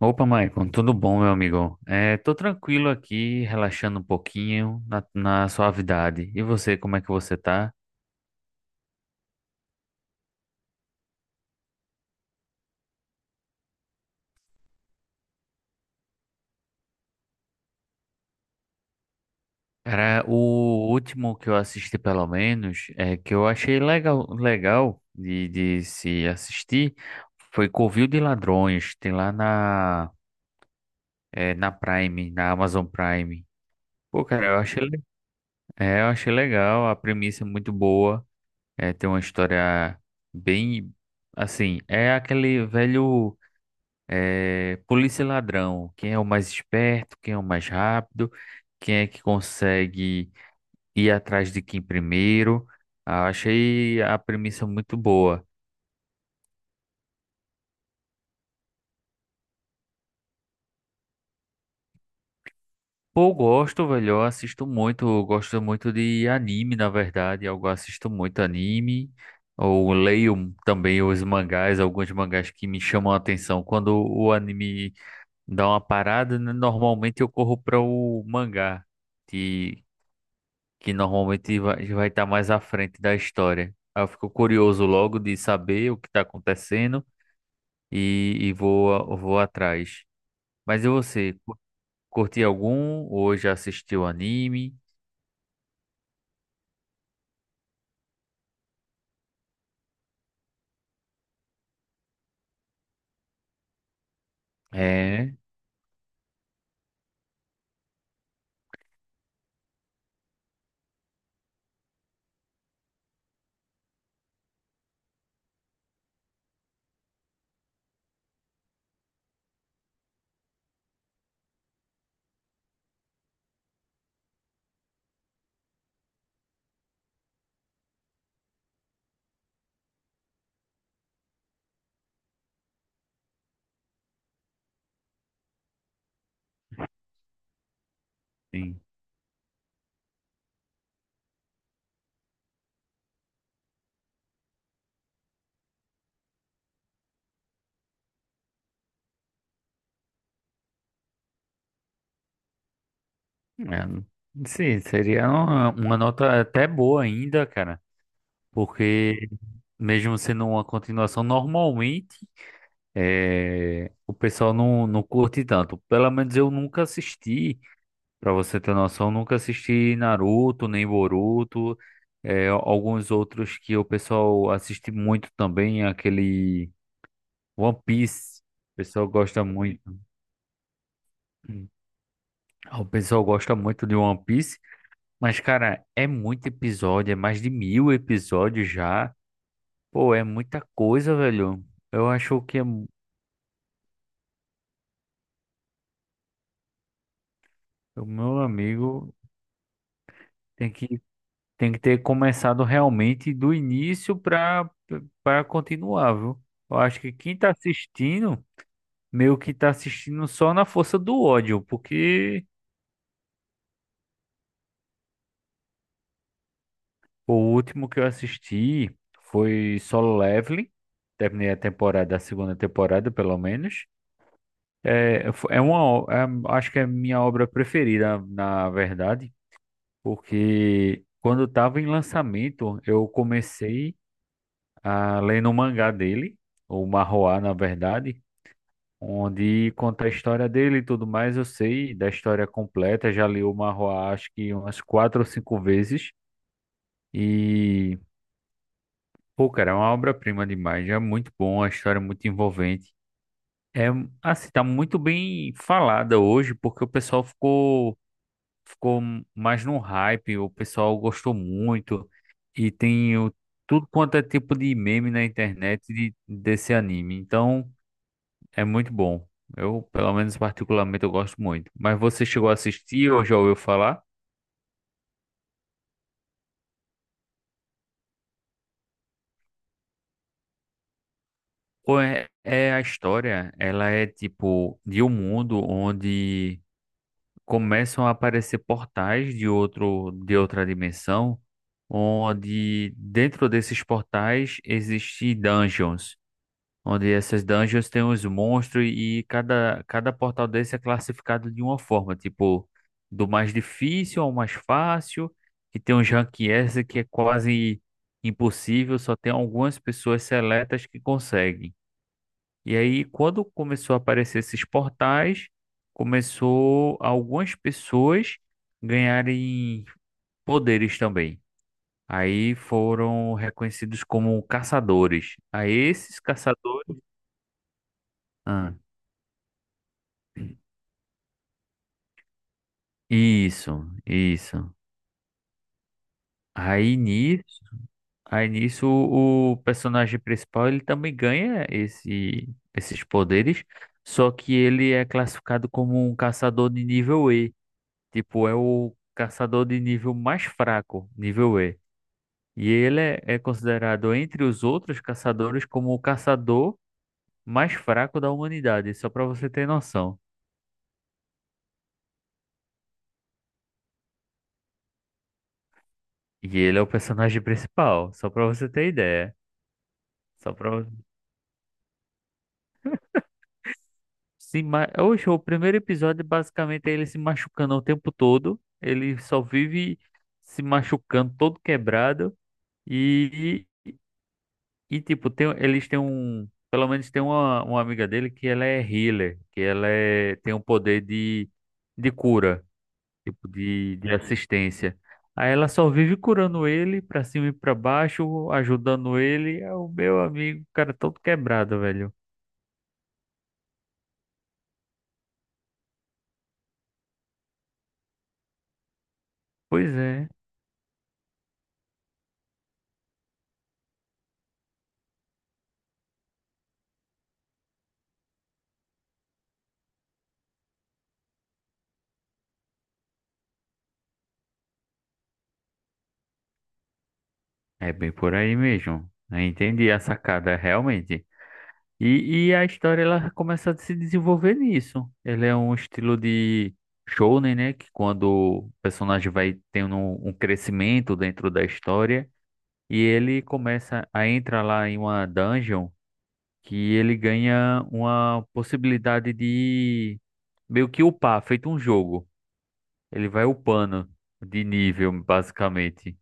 Opa, Maicon, tudo bom, meu amigo? É, tô tranquilo aqui, relaxando um pouquinho na suavidade. E você, como é que você tá? Cara, o último que eu assisti, pelo menos, é que eu achei legal, legal de se assistir, foi Covil de Ladrões, tem lá na Prime, na Amazon Prime. Pô, cara, eu achei, eu achei legal, a premissa é muito boa, é, tem uma história bem, assim, é aquele velho. É, polícia e ladrão, quem é o mais esperto, quem é o mais rápido, quem é que consegue ir atrás de quem primeiro. Ah, achei a premissa muito boa. Pô, gosto, velho, eu assisto muito, eu gosto muito de anime, na verdade, eu assisto muito anime, ou leio também os mangás, alguns mangás que me chamam a atenção. Quando o anime dá uma parada, né, normalmente eu corro para o mangá que normalmente vai estar mais à frente da história. Aí eu fico curioso logo de saber o que está acontecendo e vou atrás. Mas e você, curte algum ou já assistiu anime? É, sim. É, sim, seria uma nota até boa ainda, cara. Porque mesmo sendo uma continuação, normalmente é, o pessoal não curte tanto. Pelo menos eu nunca assisti. Pra você ter noção, nunca assisti Naruto, nem Boruto, é, alguns outros que o pessoal assiste muito também, aquele One Piece. O pessoal gosta muito. O pessoal gosta muito de One Piece, mas, cara, é muito episódio, é mais de 1000 episódios já. Pô, é muita coisa, velho. Eu acho que é, o meu amigo tem que tem que ter começado realmente do início para continuar, viu? Eu acho que quem tá assistindo, meio que tá assistindo só na força do ódio, porque o último que eu assisti foi Solo Leveling. Terminei a temporada, a segunda temporada, pelo menos. É, acho que é a minha obra preferida, na verdade, porque quando estava em lançamento, eu comecei a ler no mangá dele, o Marroá, na verdade. Onde conta a história dele e tudo mais. Eu sei da história completa, já li o Marroá acho que umas quatro ou cinco vezes. E, pô, cara, é uma obra-prima demais. É muito bom, a história é muito envolvente. É, assim, tá muito bem falada hoje, porque o pessoal ficou mais no hype, o pessoal gostou muito. E tem o, tudo quanto é tipo de meme na internet desse anime. Então. É muito bom. Eu, pelo menos particularmente, eu gosto muito. Mas você chegou a assistir ou já ouviu falar? Ou é, é a história, ela é tipo de um mundo onde começam a aparecer portais de outro, de outra dimensão, onde dentro desses portais existem dungeons. Onde essas dungeons tem os monstros e cada portal desse é classificado de uma forma, tipo, do mais difícil ao mais fácil, e tem uns rank S que é quase impossível, só tem algumas pessoas seletas que conseguem. E aí, quando começou a aparecer esses portais, começou algumas pessoas ganharem poderes também. Aí foram reconhecidos como caçadores. Aí esses caçadores. Ah, isso, isso. Aí nisso, aí nisso o personagem principal ele também ganha esse, esses poderes, só que ele é classificado como um caçador de nível E. Tipo, é o caçador de nível mais fraco, nível E. E ele é, é considerado entre os outros caçadores como o caçador mais fraco da humanidade, só pra você ter noção. E ele é o personagem principal, só pra você ter ideia. Só pra Se ma... Oxe, o primeiro episódio basicamente é ele se machucando o tempo todo. Ele só vive se machucando, todo quebrado. E, e tipo, tem, eles têm um. Pelo menos tem uma amiga dele que ela é healer, que ela é, tem um poder de cura, tipo, de assistência. Aí ela só vive curando ele pra cima e pra baixo, ajudando ele. É o meu amigo, o cara todo quebrado, velho. Pois é. É bem por aí mesmo. Eu entendi a sacada, realmente. E a história ela começa a se desenvolver nisso. Ele é um estilo de shounen, né? Que quando o personagem vai tendo um, um crescimento dentro da história e ele começa a entrar lá em uma dungeon que ele ganha uma possibilidade de meio que upar, feito um jogo. Ele vai upando de nível, basicamente.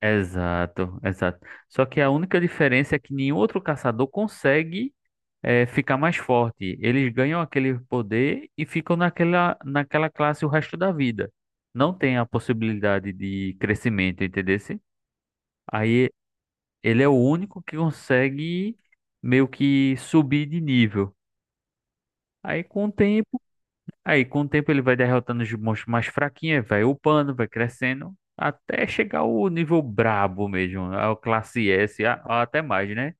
Exato, exato. Só que a única diferença é que nenhum outro caçador consegue ficar mais forte. Eles ganham aquele poder e ficam naquela, naquela classe o resto da vida. Não tem a possibilidade de crescimento, entendeu? Aí ele é o único que consegue meio que subir de nível. Aí com o tempo aí, com o tempo, ele vai derrotando os monstros mais fraquinhos, vai upando, vai crescendo, até chegar ao nível brabo mesmo, ao classe S, até mais, né?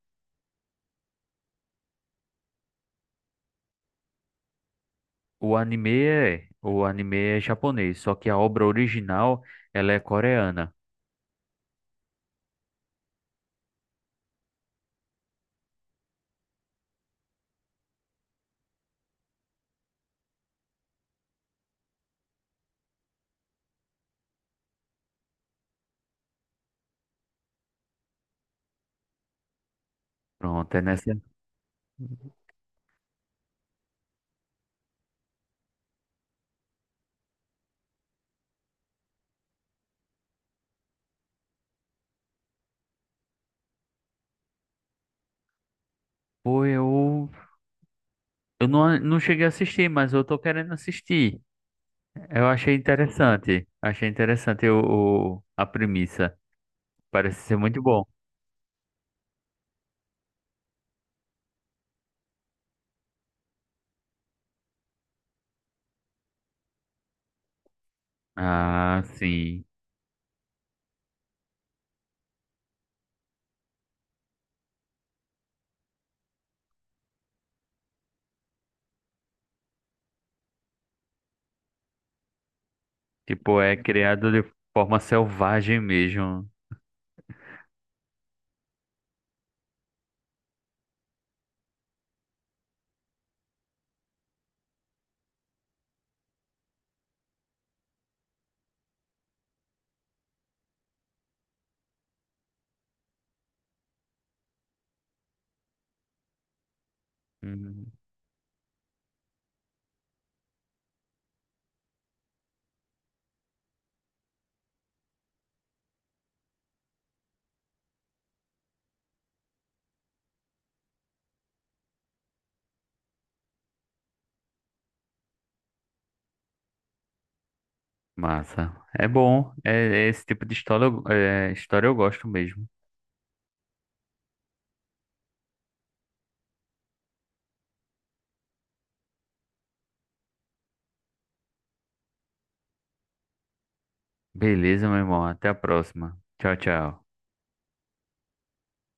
O anime é japonês, só que a obra original, ela é coreana. Pronto, é nessa. Pô, eu não, não cheguei a assistir, mas eu tô querendo assistir. Eu achei interessante a premissa. Parece ser muito bom. Ah, sim. Tipo, é criado de forma selvagem mesmo. Hum, massa. É bom. É, é esse tipo de história, história eu gosto mesmo. Beleza, meu irmão. Até a próxima. Tchau, tchau.